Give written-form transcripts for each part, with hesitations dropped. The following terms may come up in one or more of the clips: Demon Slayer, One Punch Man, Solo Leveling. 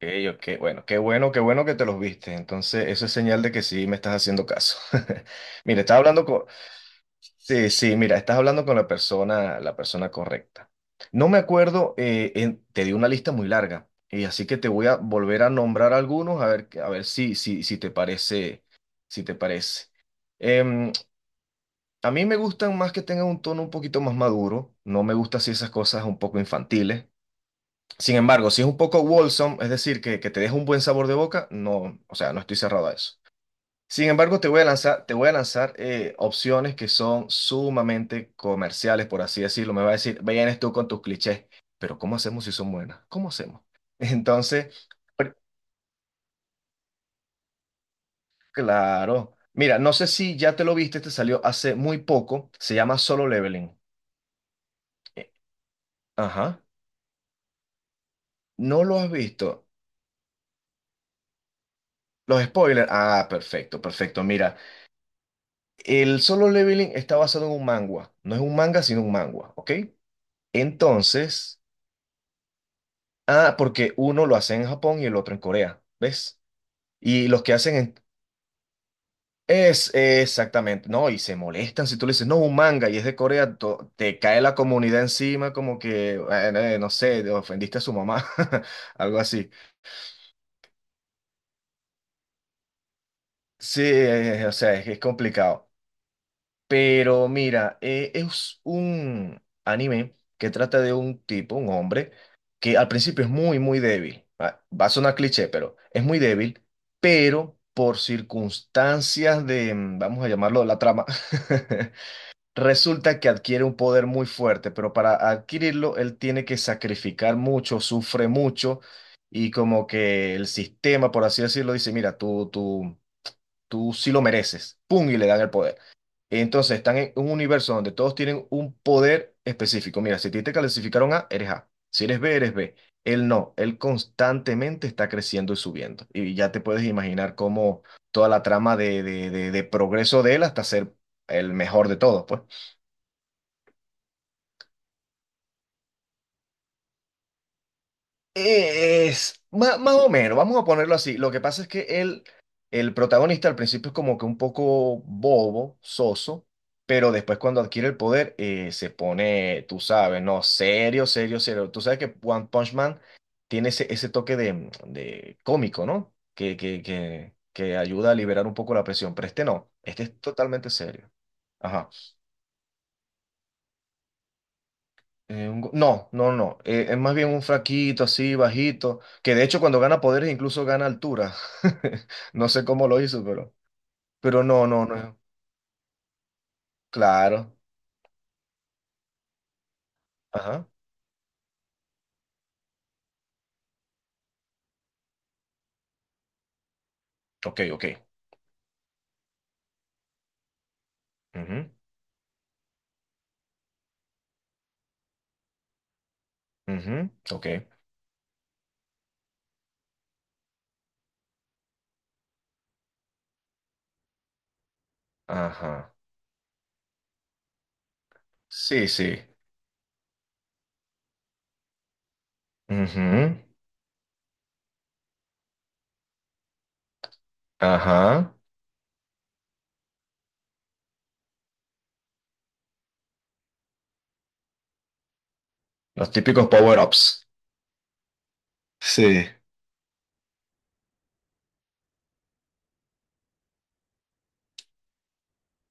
Ey, ok, bueno, qué bueno, qué bueno que te los viste. Entonces, eso es señal de que sí me estás haciendo caso. Mira, estás hablando con... Sí, sí, mira, estás hablando con la persona correcta. No me acuerdo, te di una lista muy larga, y así que te voy a volver a nombrar algunos a ver si te parece, si te parece. Em, a mí me gustan más que tengan un tono un poquito más maduro. No me gustan así esas cosas un poco infantiles. Sin embargo, si es un poco wholesome, es decir, que te deja un buen sabor de boca, no, o sea, no estoy cerrado a eso. Sin embargo, te voy a lanzar, te voy a lanzar opciones que son sumamente comerciales, por así decirlo. Me va a decir, vienes tú con tus clichés, pero ¿cómo hacemos si son buenas? ¿Cómo hacemos? Entonces, pr- claro. Mira, no sé si ya te lo viste, te salió hace muy poco. Se llama Solo Leveling. Eh, Ajá. ¿No lo has visto? Los spoilers. Ah, perfecto, perfecto. Mira. El Solo Leveling está basado en un manga. No es un manga, sino un manga, ¿ok? Entonces, ah, porque uno lo hace en Japón y el otro en Corea, ¿ves? Y los que hacen en... Es exactamente, no, y se molestan si tú le dices, no, un manga y es de Corea, te cae la comunidad encima como que, bueno, no sé, ofendiste a su mamá, algo así. Sí, o sea, es complicado. Pero mira, es un anime que trata de un tipo, un hombre, que al principio es muy, muy débil. Va a sonar cliché, pero es muy débil, pero por circunstancias de, vamos a llamarlo la trama, resulta que adquiere un poder muy fuerte, pero para adquirirlo él tiene que sacrificar mucho, sufre mucho, y como que el sistema, por así decirlo, dice, mira, tú sí lo mereces, ¡pum! Y le dan el poder. Entonces están en un universo donde todos tienen un poder específico. Mira, si a ti te clasificaron A, eres A. Si eres B, eres B. Él no, él constantemente está creciendo y subiendo. Y ya te puedes imaginar cómo toda la trama de, de progreso de él hasta ser el mejor de todos, pues. Es más o menos, vamos a ponerlo así. Lo que pasa es que él, el protagonista al principio es como que un poco bobo, soso, pero después cuando adquiere el poder se pone, tú sabes, no, serio, serio, serio. Tú sabes que One Punch Man tiene ese, ese toque de cómico, ¿no? Que ayuda a liberar un poco la presión, pero este no, este es totalmente serio. Ajá. Un no, no, no. Eh, es más bien un fraquito así, bajito, que de hecho cuando gana poderes incluso gana altura. No sé cómo lo hizo, pero no, no, no. Claro. Ajá. Ok, ok. Ujú, ujú, ok. Ajá. Sí, sí. Ujú, ajá. Los típicos power-ups. Sí.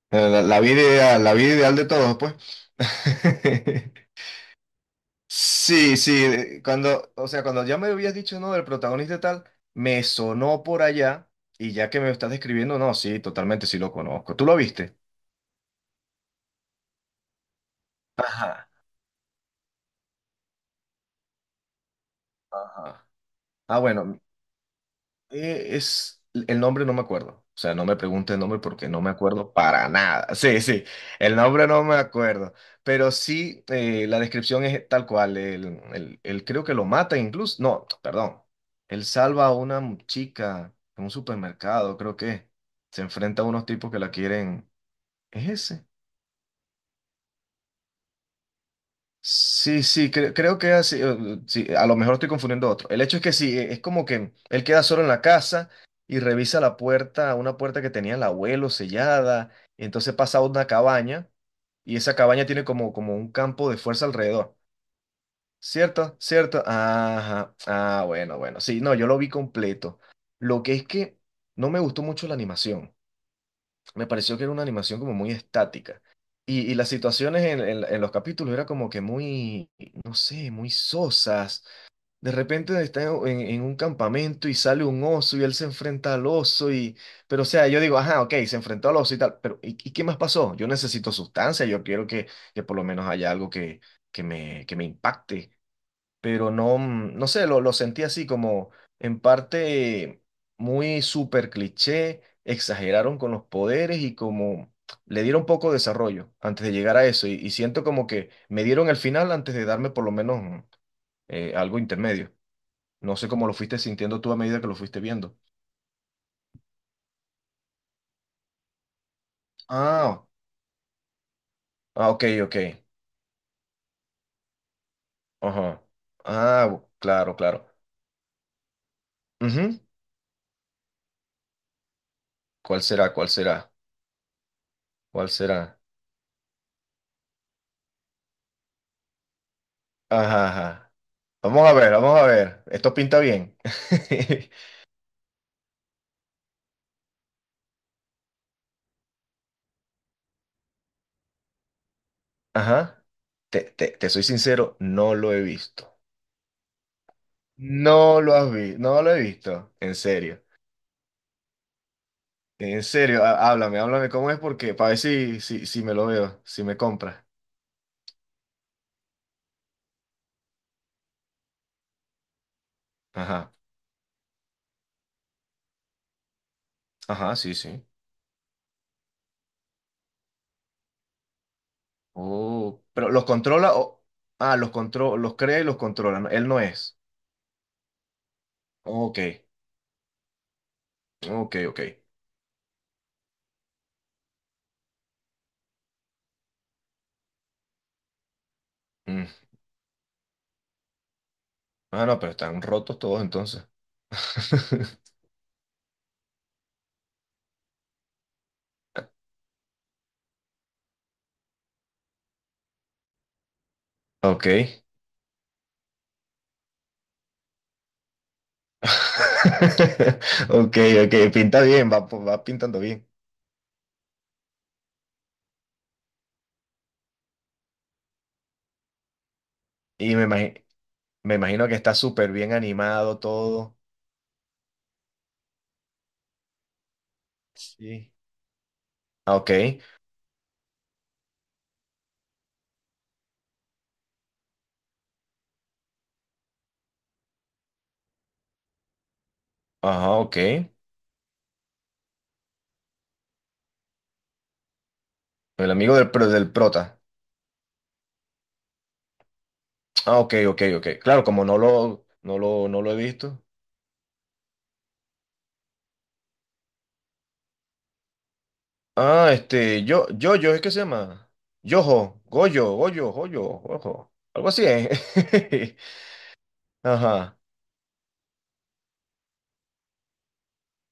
La, la vida ideal de todos, pues. Sí, sí, cuando, o sea, cuando ya me habías dicho, no, del protagonista y tal, me sonó por allá y ya que me lo estás describiendo, no, sí, totalmente sí lo conozco. ¿Tú lo viste? Ajá, ajá. Ah, bueno, eh, es el nombre no me acuerdo. O sea, no me pregunte el nombre porque no me acuerdo para nada. Sí, sí, el nombre no me acuerdo. Pero sí, la descripción es tal cual. Él, él creo que lo mata incluso. No, perdón. Él salva a una chica en un supermercado, creo que. Se enfrenta a unos tipos que la quieren. ¿Es ese? Sí, sí, creo que así, sí, a lo mejor estoy confundiendo otro. El hecho es que sí, es como que él queda solo en la casa y revisa la puerta, una puerta que tenía el abuelo sellada, y entonces pasa a una cabaña y esa cabaña tiene como, como un campo de fuerza alrededor. ¿Cierto? ¿Cierto? Ajá. Ah, bueno, bueno. Sí, no, yo lo vi completo. Lo que es que no me gustó mucho la animación, me pareció que era una animación como muy estática. Y las situaciones en, en los capítulos era como que muy, no sé, muy sosas. De repente está en, en un campamento y sale un oso y él se enfrenta al oso y... Pero o sea, yo digo, ajá, ok, se enfrentó al oso y tal, pero y qué más pasó? Yo necesito sustancia, yo quiero que por lo menos haya algo que, que me impacte, pero no, mm, no sé, lo sentí así como en parte muy súper cliché, exageraron con los poderes y como le dieron poco desarrollo antes de llegar a eso y siento como que me dieron el final antes de darme por lo menos mm, algo intermedio. No sé cómo lo fuiste sintiendo tú a medida que lo fuiste viendo. Ah, ah, ok, ok. Ajá. Ah, claro, claro. Ujú. ¿Cuál será? ¿Cuál será? ¿Cuál será? Ajá, ajá. Vamos a ver, vamos a ver. Esto pinta bien. Ajá. Te, te soy sincero, no lo he visto. No lo has visto, no lo he visto. En serio. En serio, háblame, háblame cómo es porque para ver si, si, si me lo veo, si me compra. Ajá. Ajá, sí, sí. Oh, pero los controla o... Ah, los controla, los crea y los controla. Él no es. Ok, ok, ok. Mm. Ah, no, pero están rotos todos entonces. Ok. Ok, ok, pinta bien, va, va pintando bien. Y me imagino que está súper bien animado todo. Sí. Ah, ok, ajá, ok. El amigo del, del prota. Ah, ok, ok, ok. Claro, como no lo, no lo, no lo he visto. Ah, este, yo, ¿es que se llama? Yojo, Goyo, Goyo, Goyo, Ojo. Algo así, ¿eh? Ajá.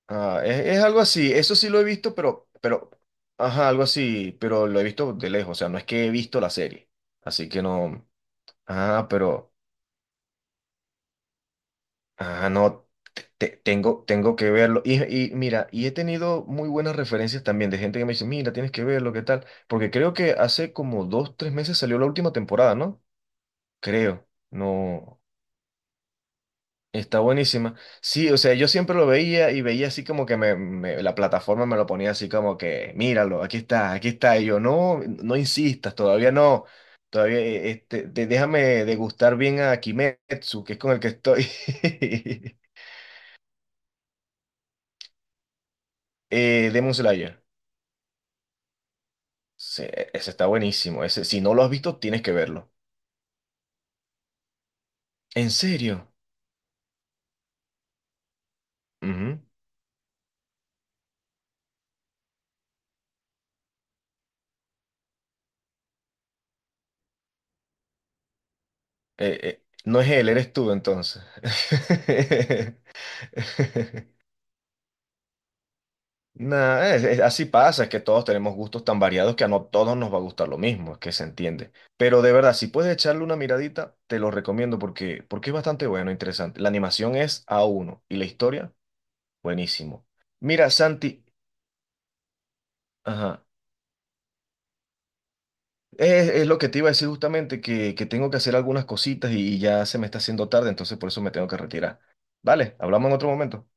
Ah, es algo así, eso sí lo he visto, pero, ajá, algo así, pero lo he visto de lejos, o sea, no es que he visto la serie, así que no, ah, pero, ah, no, tengo, tengo que verlo, y mira, y he tenido muy buenas referencias también de gente que me dice, mira, tienes que verlo, ¿qué tal? Porque creo que hace como dos, tres meses salió la última temporada, ¿no? Creo, no. Está buenísima. Sí, o sea, yo siempre lo veía y veía así como que me, la plataforma me lo ponía así como que, míralo, aquí está, aquí está. Y yo, no, no insistas, todavía no. Todavía, este, déjame degustar bien a Kimetsu, que es con el que estoy. Eh, Demon Slayer. Sí, e, ese está buenísimo. Ese, si no lo has visto, tienes que verlo. ¿En serio? Ujú. No es él, eres tú entonces. Nah, así pasa, es que todos tenemos gustos tan variados que a no todos nos va a gustar lo mismo, es que se entiende. Pero de verdad, si puedes echarle una miradita, te lo recomiendo porque, porque es bastante bueno, interesante. La animación es a uno y la historia, buenísimo. Mira, Santi, ajá, es lo que te iba a decir justamente, que tengo que hacer algunas cositas y ya se me está haciendo tarde, entonces por eso me tengo que retirar. Vale, hablamos en otro momento.